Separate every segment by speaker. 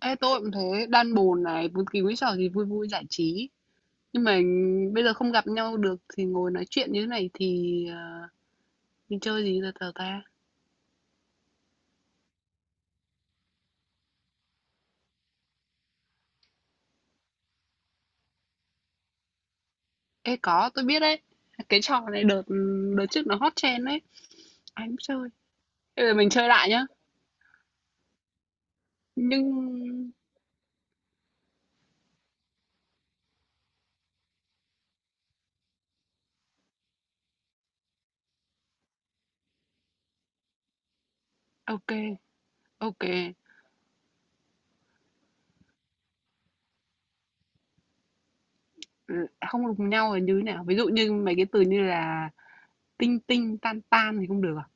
Speaker 1: Ê, tôi cũng thế, đan bồn này, bất kỳ cái trò gì vui vui giải trí. Nhưng mà bây giờ không gặp nhau được thì ngồi nói chuyện như thế này thì mình chơi gì giờ tờ ta? Ê, có, tôi biết đấy. Cái trò này đợt đợt trước nó hot trend đấy. Ai cũng chơi. Bây giờ mình chơi lại nhá. Nhưng... Ok, ok. Ừ, Không đụng nhau là như thế nào? Ví dụ như mấy cái từ như là tinh tinh, tan tan thì không được à?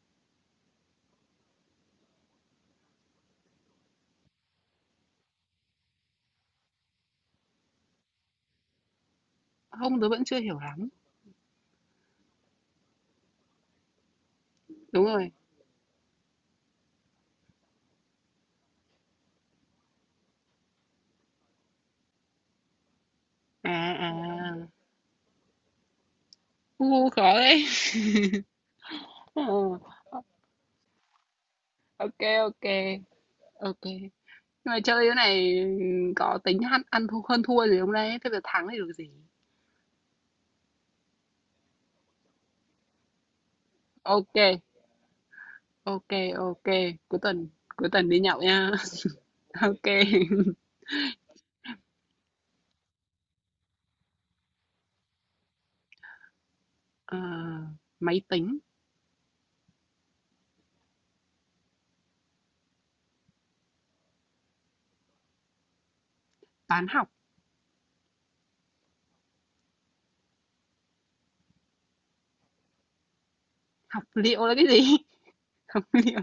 Speaker 1: Không, tôi vẫn chưa hiểu lắm. Đúng rồi. À, à. U, khó đấy. Ờ. ok ok ok nhưng mà chơi cái này có tính ăn ăn thua hơn thua gì không đấy thế giờ thắng thì được gì ok ok ok cuối tuần cuối tuần đi nhậu nha ok Ờ, máy tính toán học học liệu là cái gì học liệu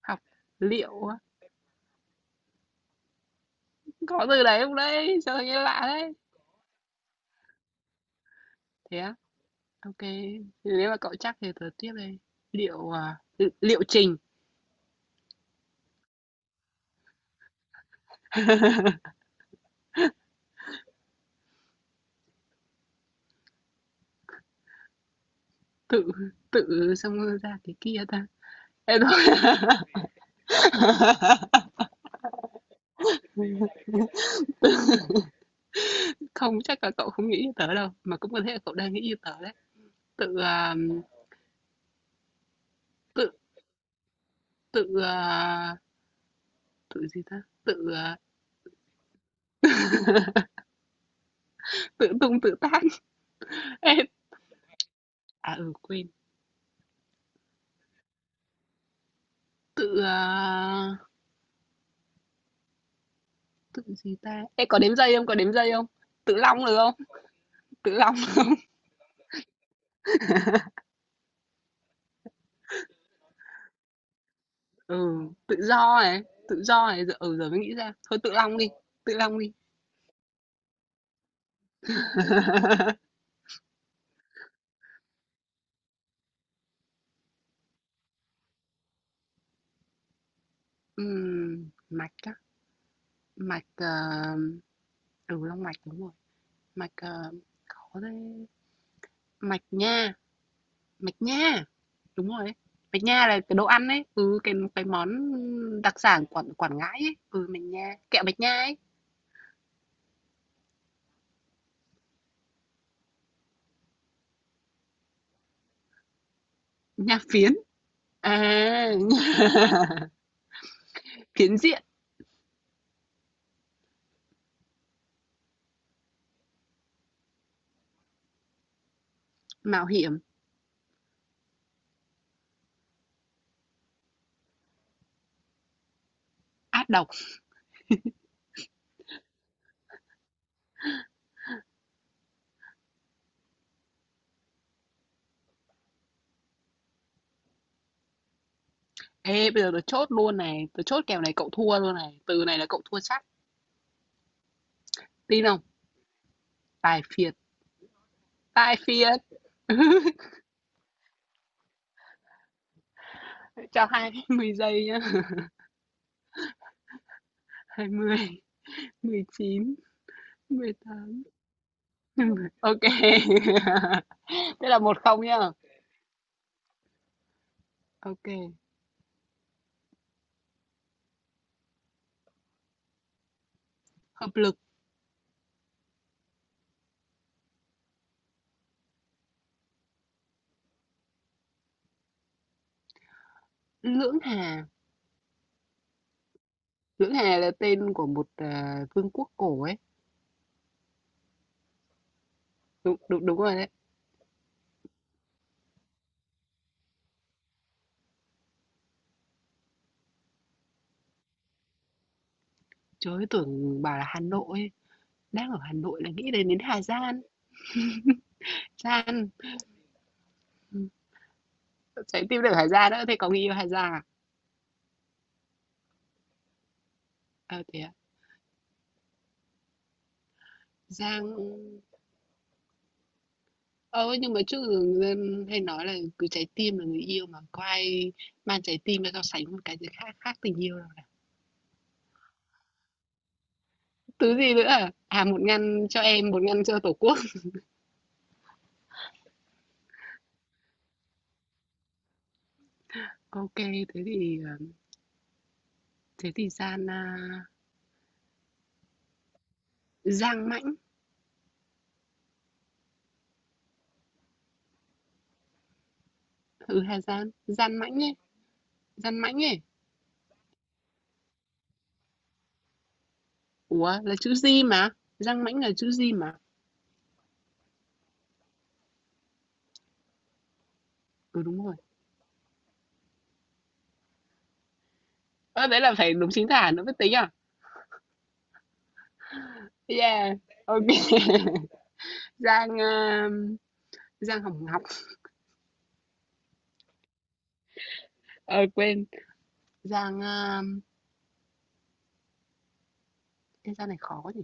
Speaker 1: học liệu á? Có từ đấy không đấy sao nghe lạ đấy thế á ok thì nếu mà cậu chắc thì tớ tiếp đây liệu à, liệu trình tự tự xong rồi ra cái kia ta Ê, thôi Không, chắc là cậu không nghĩ như tớ đâu, mà cũng có thể là cậu đang nghĩ như tớ đấy. Tự à, tự tự à, tự gì ta? Tự à, tự tung tự tác. Ê, à ừ quên. Tự à, tự gì ta? Ê có đếm giây không? Có đếm giây không? Tự long được không? Tự long. Ừ, tự do này, tự do này giờ ừ, giờ mới nghĩ ra. Thôi tự long đi, tự long đi. Mạch á, mạch ừ long mạch đúng rồi. Mạch ờ, khó đấy Mạch nha, mạch nha. Đúng rồi ấy. Bánh nha là cái đồ ăn ấy, ừ, cái món đặc sản Quảng Quảng Ngãi ấy, ừ, bánh nha, kẹo bánh nha ấy, nha phiến. À. Phiến diện, mạo hiểm, ác độc. Ê, bây giờ tôi chốt luôn này, tôi chốt kèo này cậu thua luôn này, từ này là cậu thua chắc. Tin không? Tài phiệt, tài phiệt. Cho 20 giây nhá. 20, 19 18 Ok. Thế là 1-0 nhá. Ok. Hợp lực, lưỡng hà. Lưỡng Hà là tên của một vương quốc cổ ấy. Đúng, đúng, đúng rồi đấy. Trời ơi, tưởng bảo là Hà Nội. Ấy. Đang ở Hà Nội là nghĩ đến đến Hà Giang. Giang. Ừ, Trái tim được Hà Giang đó. Thế có người yêu Hà Giang à? Ờ thế à? Giang. Ờ nhưng mà trước giờ người dân hay nói là cứ trái tim là người yêu mà có ai mang trái tim ra so sánh một cái gì khác khác tình yêu đâu. Này. Thứ gì nữa à? À một ngăn cho em, một ngăn cho Tổ quốc. Ok, thế thì à, thế thì Gian à, Giang Mãnh. Ừ Hà Giang, Giang Mãnh ấy. Gian mãnh ấy. Ủa, là chữ G mà. Giang mãnh là chữ G mà. Ừ, đúng rồi. Ơ, đấy là phải đúng chính tả nữa mới tính à? Yeah. Ok. Giang Giang Hồng Ngọc. Ờ quên. Giang cái Giang này khó quá nhỉ.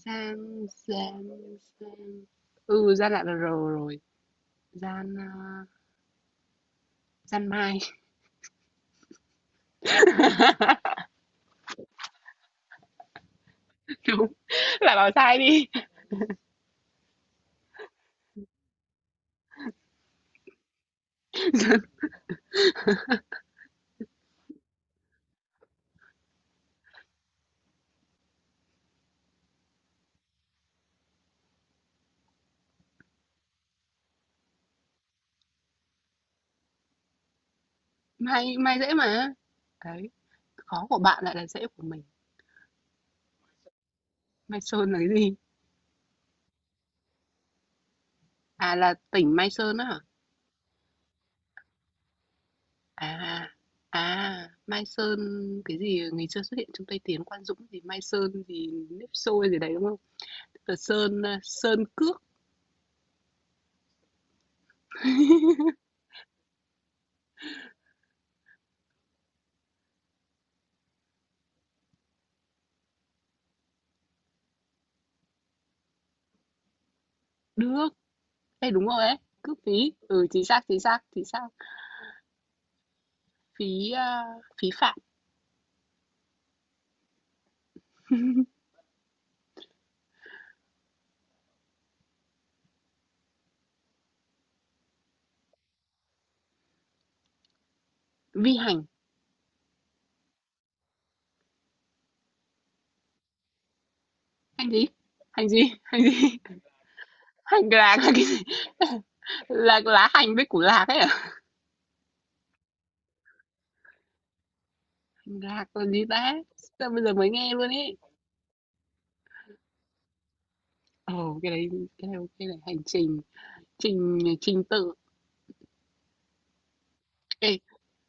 Speaker 1: Giang Giang Giang. Ừ, Giang lại là R rồi. Giang Giang Mai. Đúng. Là bảo sai đi. Mai Mai dễ mà. Đấy, khó của bạn lại là dễ của mình. Mai Sơn là cái gì? À, là tỉnh Mai Sơn á hả? À, à, Mai Sơn cái gì ngày xưa xuất hiện trong Tây Tiến Quan Dũng gì Mai Sơn gì nếp xôi gì đấy đúng không? Tờ Sơn à, Sơn Cước Đước. Đây đúng rồi ấy, cước phí. Ừ chính xác, chính xác, chính xác. Phí à, phí phạm, vi hành. Hành gì? Hành gì? Hành gì? Hành lạc là cái gì? Là lá hành với củ lạc ấy à? Hành lạc là gì ta? Sao bây giờ mới nghe luôn ấy. Ồ, cái đấy cái này ok này, hành trình, trình trình tự.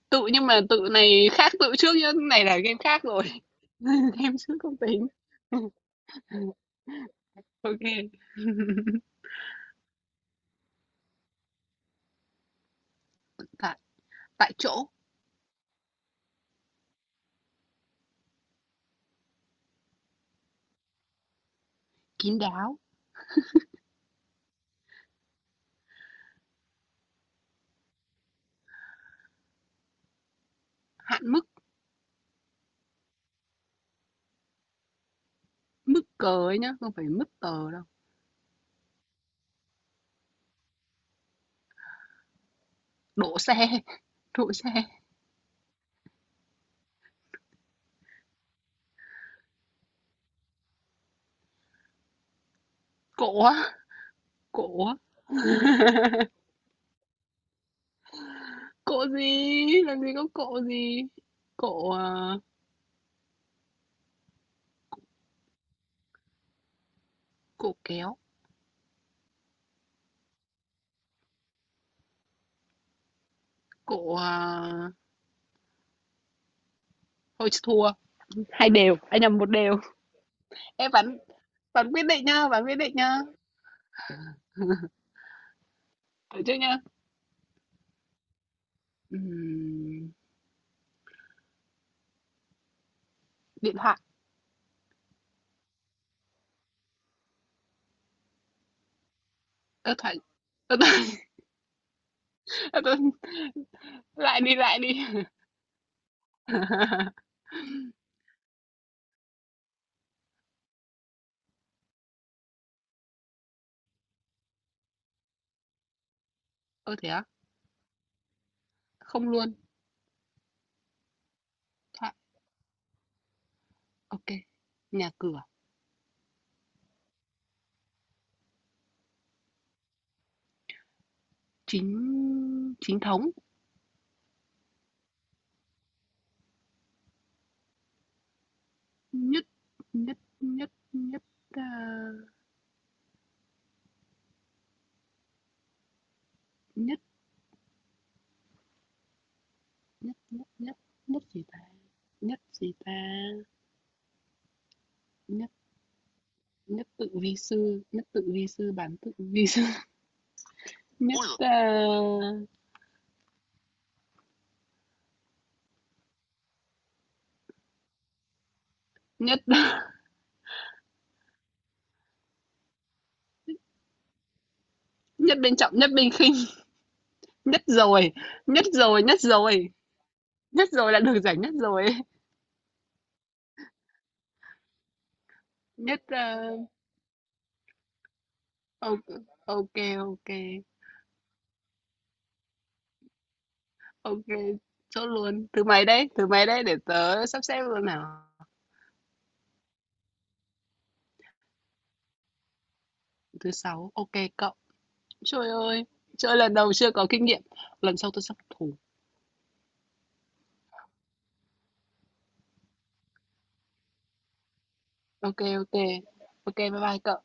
Speaker 1: Tự nhưng mà tự này khác tự trước nhá, này là game khác rồi. Game trước không tính. Ok. Tại tại chỗ, kín đáo, hạn mức, mức cờ ấy nhá, không phải mức tờ đâu. Đỗ xe, đỗ xe. Cộ á, cộ á. Cộ gì? Làm gì có cộ gì? Cộ à, cộ kéo, cộ à, thôi thua. Hai đều, anh nhầm một đều. Em bắn bắn quyết định nhá, bắn quyết định nhá. Được chưa nhá? Ừm, điện thoại ơ, tôi ơ, tôi lại đi, lại đi. Ơ, thế á? Không luôn. Thoại ok Nhà cửa, chính chính thống, nhất nhất nhất nhất, ờ, nhất nhất nhất nhất nhất gì ta? Nhất gì ta? Nhất nhất tự vi sư, nhất tự vi sư, bán tự vi sư, nhất Ui ờ, nhất nhất bên trọng, nhất bên khinh, nhất rồi, nhất rồi, nhất rồi. Nhất rồi là được giải nhất rồi. Nhất ok ok ok ok chốt luôn thứ mấy đấy để tớ sắp xếp luôn nào thứ sáu ok cậu trời ơi trời lần đầu chưa có kinh nghiệm lần sau tôi sắp thủ ok ok ok bye bye cậu